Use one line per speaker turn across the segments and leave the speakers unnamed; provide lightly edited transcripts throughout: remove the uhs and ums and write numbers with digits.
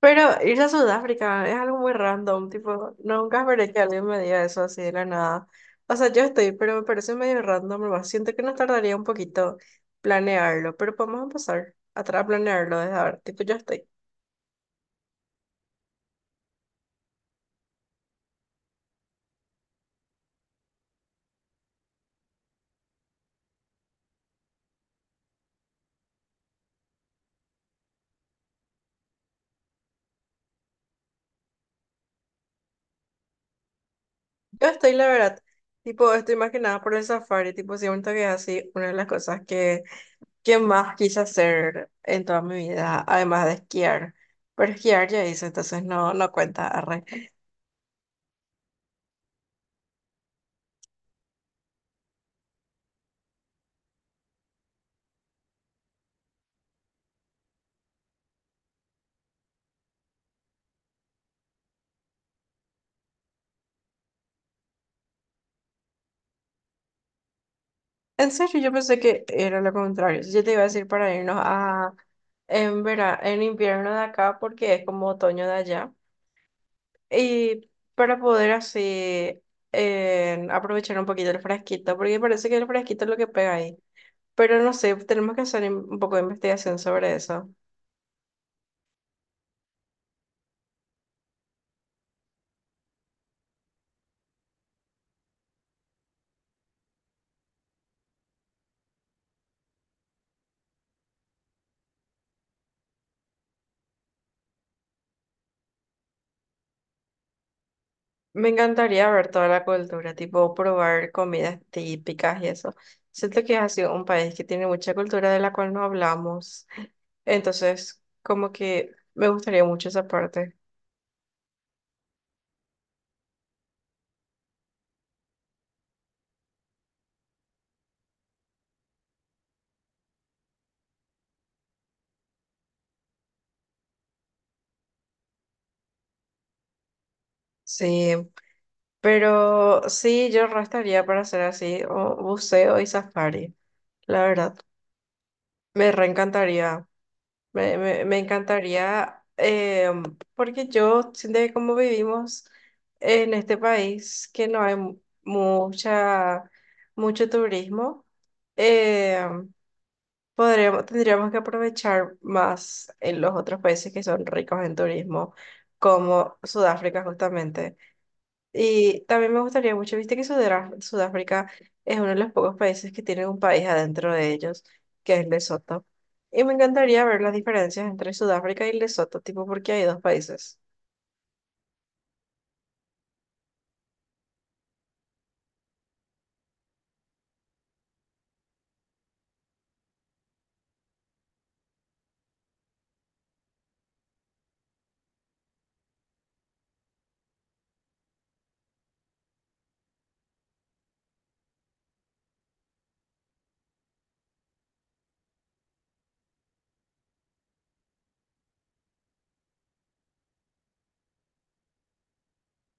Pero irse a Sudáfrica es algo muy random, tipo, nunca esperé que alguien me diga eso así de la nada. O sea, yo estoy, pero me parece medio random, nomás. Siento que nos tardaría un poquito planearlo, pero podemos empezar a planearlo desde ahora. Tipo, yo estoy. Yo estoy, la verdad. Tipo, estoy más que nada por el safari, tipo, siento que es así una de las cosas que más quise hacer en toda mi vida, además de esquiar. Pero esquiar ya hice, entonces no, no cuenta. En serio, yo pensé que era lo contrario. Yo te iba a decir para irnos a en invierno de acá porque es como otoño de allá. Y para poder así aprovechar un poquito el fresquito, porque parece que el fresquito es lo que pega ahí. Pero no sé, tenemos que hacer un poco de investigación sobre eso. Me encantaría ver toda la cultura, tipo probar comidas típicas y eso. Siento que ha sido un país que tiene mucha cultura de la cual no hablamos. Entonces, como que me gustaría mucho esa parte. Sí, pero sí, yo restaría para hacer así o buceo y safari, la verdad. Me reencantaría. Me encantaría, porque yo siento que como vivimos en este país, que no hay mucha, mucho turismo, em, podríamos, tendríamos que aprovechar más en los otros países que son ricos en turismo, como Sudáfrica justamente. Y también me gustaría mucho, viste que Sudáfrica es uno de los pocos países que tienen un país adentro de ellos, que es Lesoto. Y me encantaría ver las diferencias entre Sudáfrica y Lesoto, tipo porque hay dos países.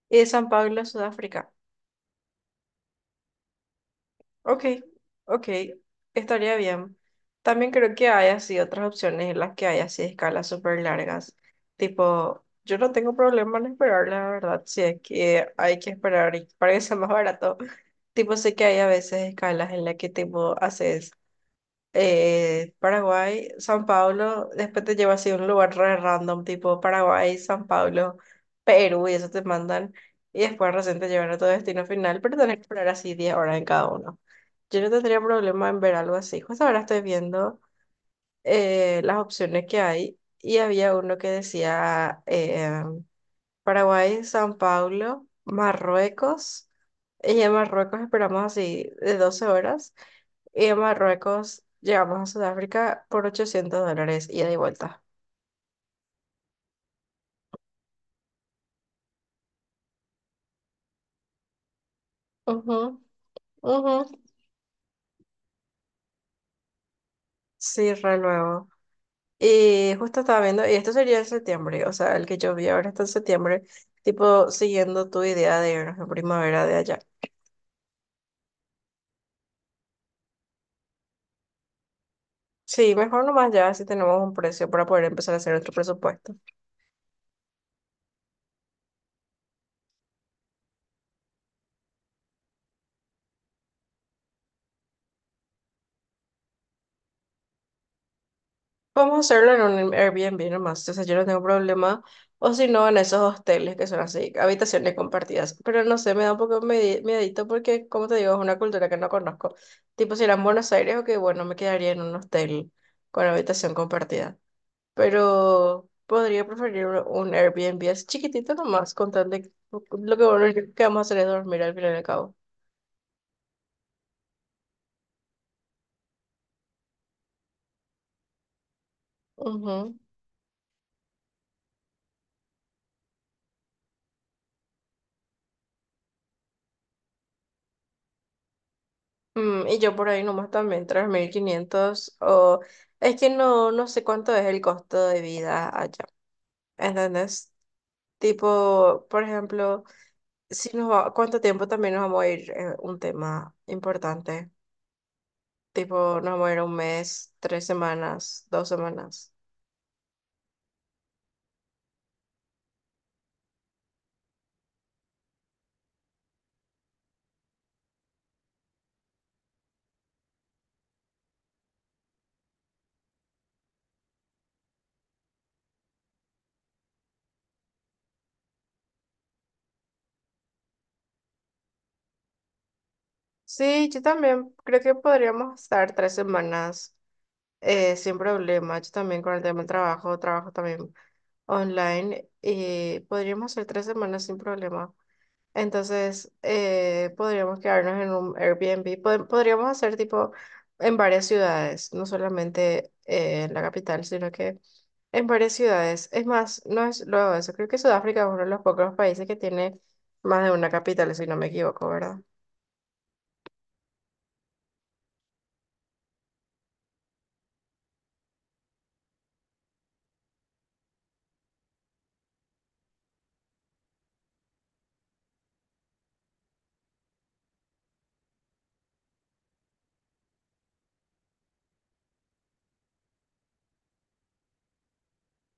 Y de San Pablo, Sudáfrica. Ok, ok, estaría bien. También creo que hay así otras opciones en las que hay así escalas súper largas. Tipo, yo no tengo problema en esperar, la verdad, si es que hay que esperar y para que sea más barato. Tipo, sé que hay a veces escalas en las que tipo haces Paraguay, San Pablo, después te lleva así a un lugar re random, tipo Paraguay, San Pablo, Perú, y eso te mandan, y después recién te llevan a tu destino final, pero tenés que esperar así 10 horas en cada uno. Yo no tendría problema en ver algo así. Justo ahora estoy viendo las opciones que hay, y había uno que decía Paraguay, San Pablo, Marruecos, y en Marruecos esperamos así de 12 horas. Y de Marruecos llegamos a Sudáfrica por $800, ida y de vuelta. Ujú, ujú. Sí, re luego. Y justo estaba viendo, y esto sería en septiembre, o sea, el que yo vi ahora está en septiembre, tipo siguiendo tu idea de irnos en primavera de allá. Sí, mejor nomás ya si tenemos un precio para poder empezar a hacer nuestro presupuesto. Vamos a hacerlo en un Airbnb nomás, o sea, yo no tengo problema, o si no, en esos hosteles que son así, habitaciones compartidas, pero no sé, me da un poco miedito porque, como te digo, es una cultura que no conozco, tipo si era en Buenos Aires, ok, bueno, me quedaría en un hostel con habitación compartida, pero podría preferir un Airbnb así chiquitito nomás, con tal de lo que bueno, lo que vamos a hacer es dormir al final y al cabo. Ujú. Y yo por ahí nomás también, 3.500 o... Es que no sé cuánto es el costo de vida allá, ¿entendés? Tipo, por ejemplo, si nos va, ¿cuánto tiempo también nos vamos a ir? Un tema importante. Tipo, nos vamos a ir un mes, 3 semanas, 2 semanas. Sí, yo también creo que podríamos estar 3 semanas sin problema. Yo también con el tema del trabajo, trabajo también online y podríamos hacer 3 semanas sin problema. Entonces, podríamos quedarnos en un Airbnb. Podríamos hacer tipo en varias ciudades, no solamente en la capital, sino que en varias ciudades. Es más, no es luego eso. Creo que Sudáfrica es uno de los pocos países que tiene más de una capital, si no me equivoco, ¿verdad?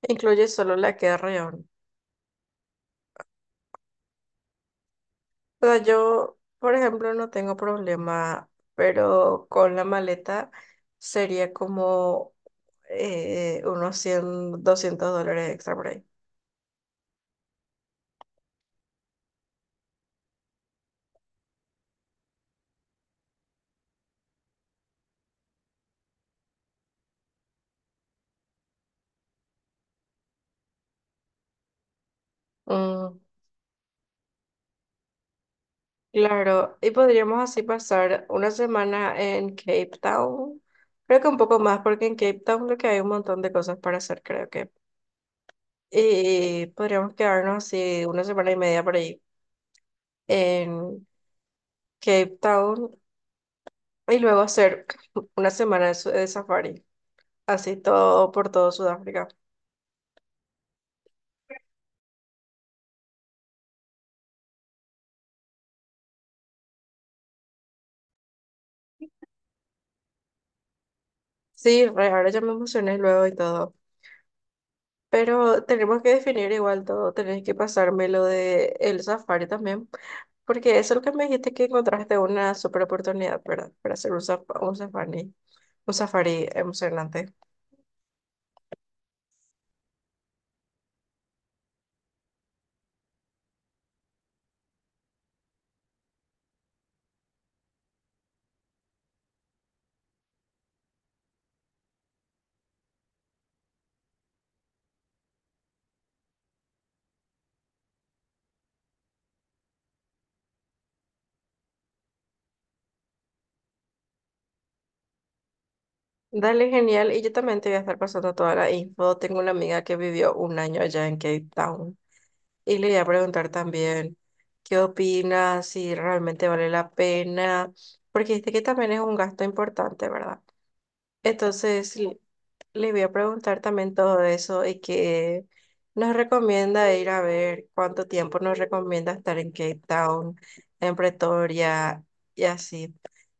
Incluye solo la que es Reón. O sea, yo, por ejemplo, no tengo problema, pero con la maleta sería como unos 100, $200 extra por ahí. Mm. Claro, y podríamos así pasar una semana en Cape Town. Creo que un poco más, porque en Cape Town lo que hay un montón de cosas para hacer, creo que. Y podríamos quedarnos así una semana y media por ahí en Cape Town y luego hacer una semana de, de safari, así todo por todo Sudáfrica. Sí, re, ahora ya me emocioné luego y todo. Pero tenemos que definir igual todo, tenés que pasarme lo de el safari también. Porque eso es lo que me dijiste que encontraste una super oportunidad, ¿verdad? Para hacer un safari emocionante. Dale, genial. Y yo también te voy a estar pasando toda la info. Tengo una amiga que vivió un año allá en Cape Town. Y le voy a preguntar también qué opinas, si realmente vale la pena. Porque dijiste que también es un gasto importante, ¿verdad? Entonces. Le voy a preguntar también todo eso y qué nos recomienda ir a ver, cuánto tiempo nos recomienda estar en Cape Town, en Pretoria y así,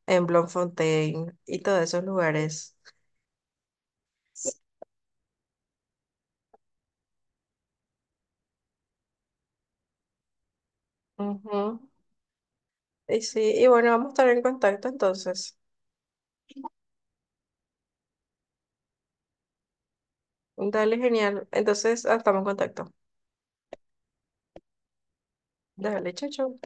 en Bloemfontein y todos esos lugares. Ujú. Y sí, y bueno, vamos a estar en contacto entonces. Dale, genial. Entonces, ah, estamos en contacto. Dale, chao, chao.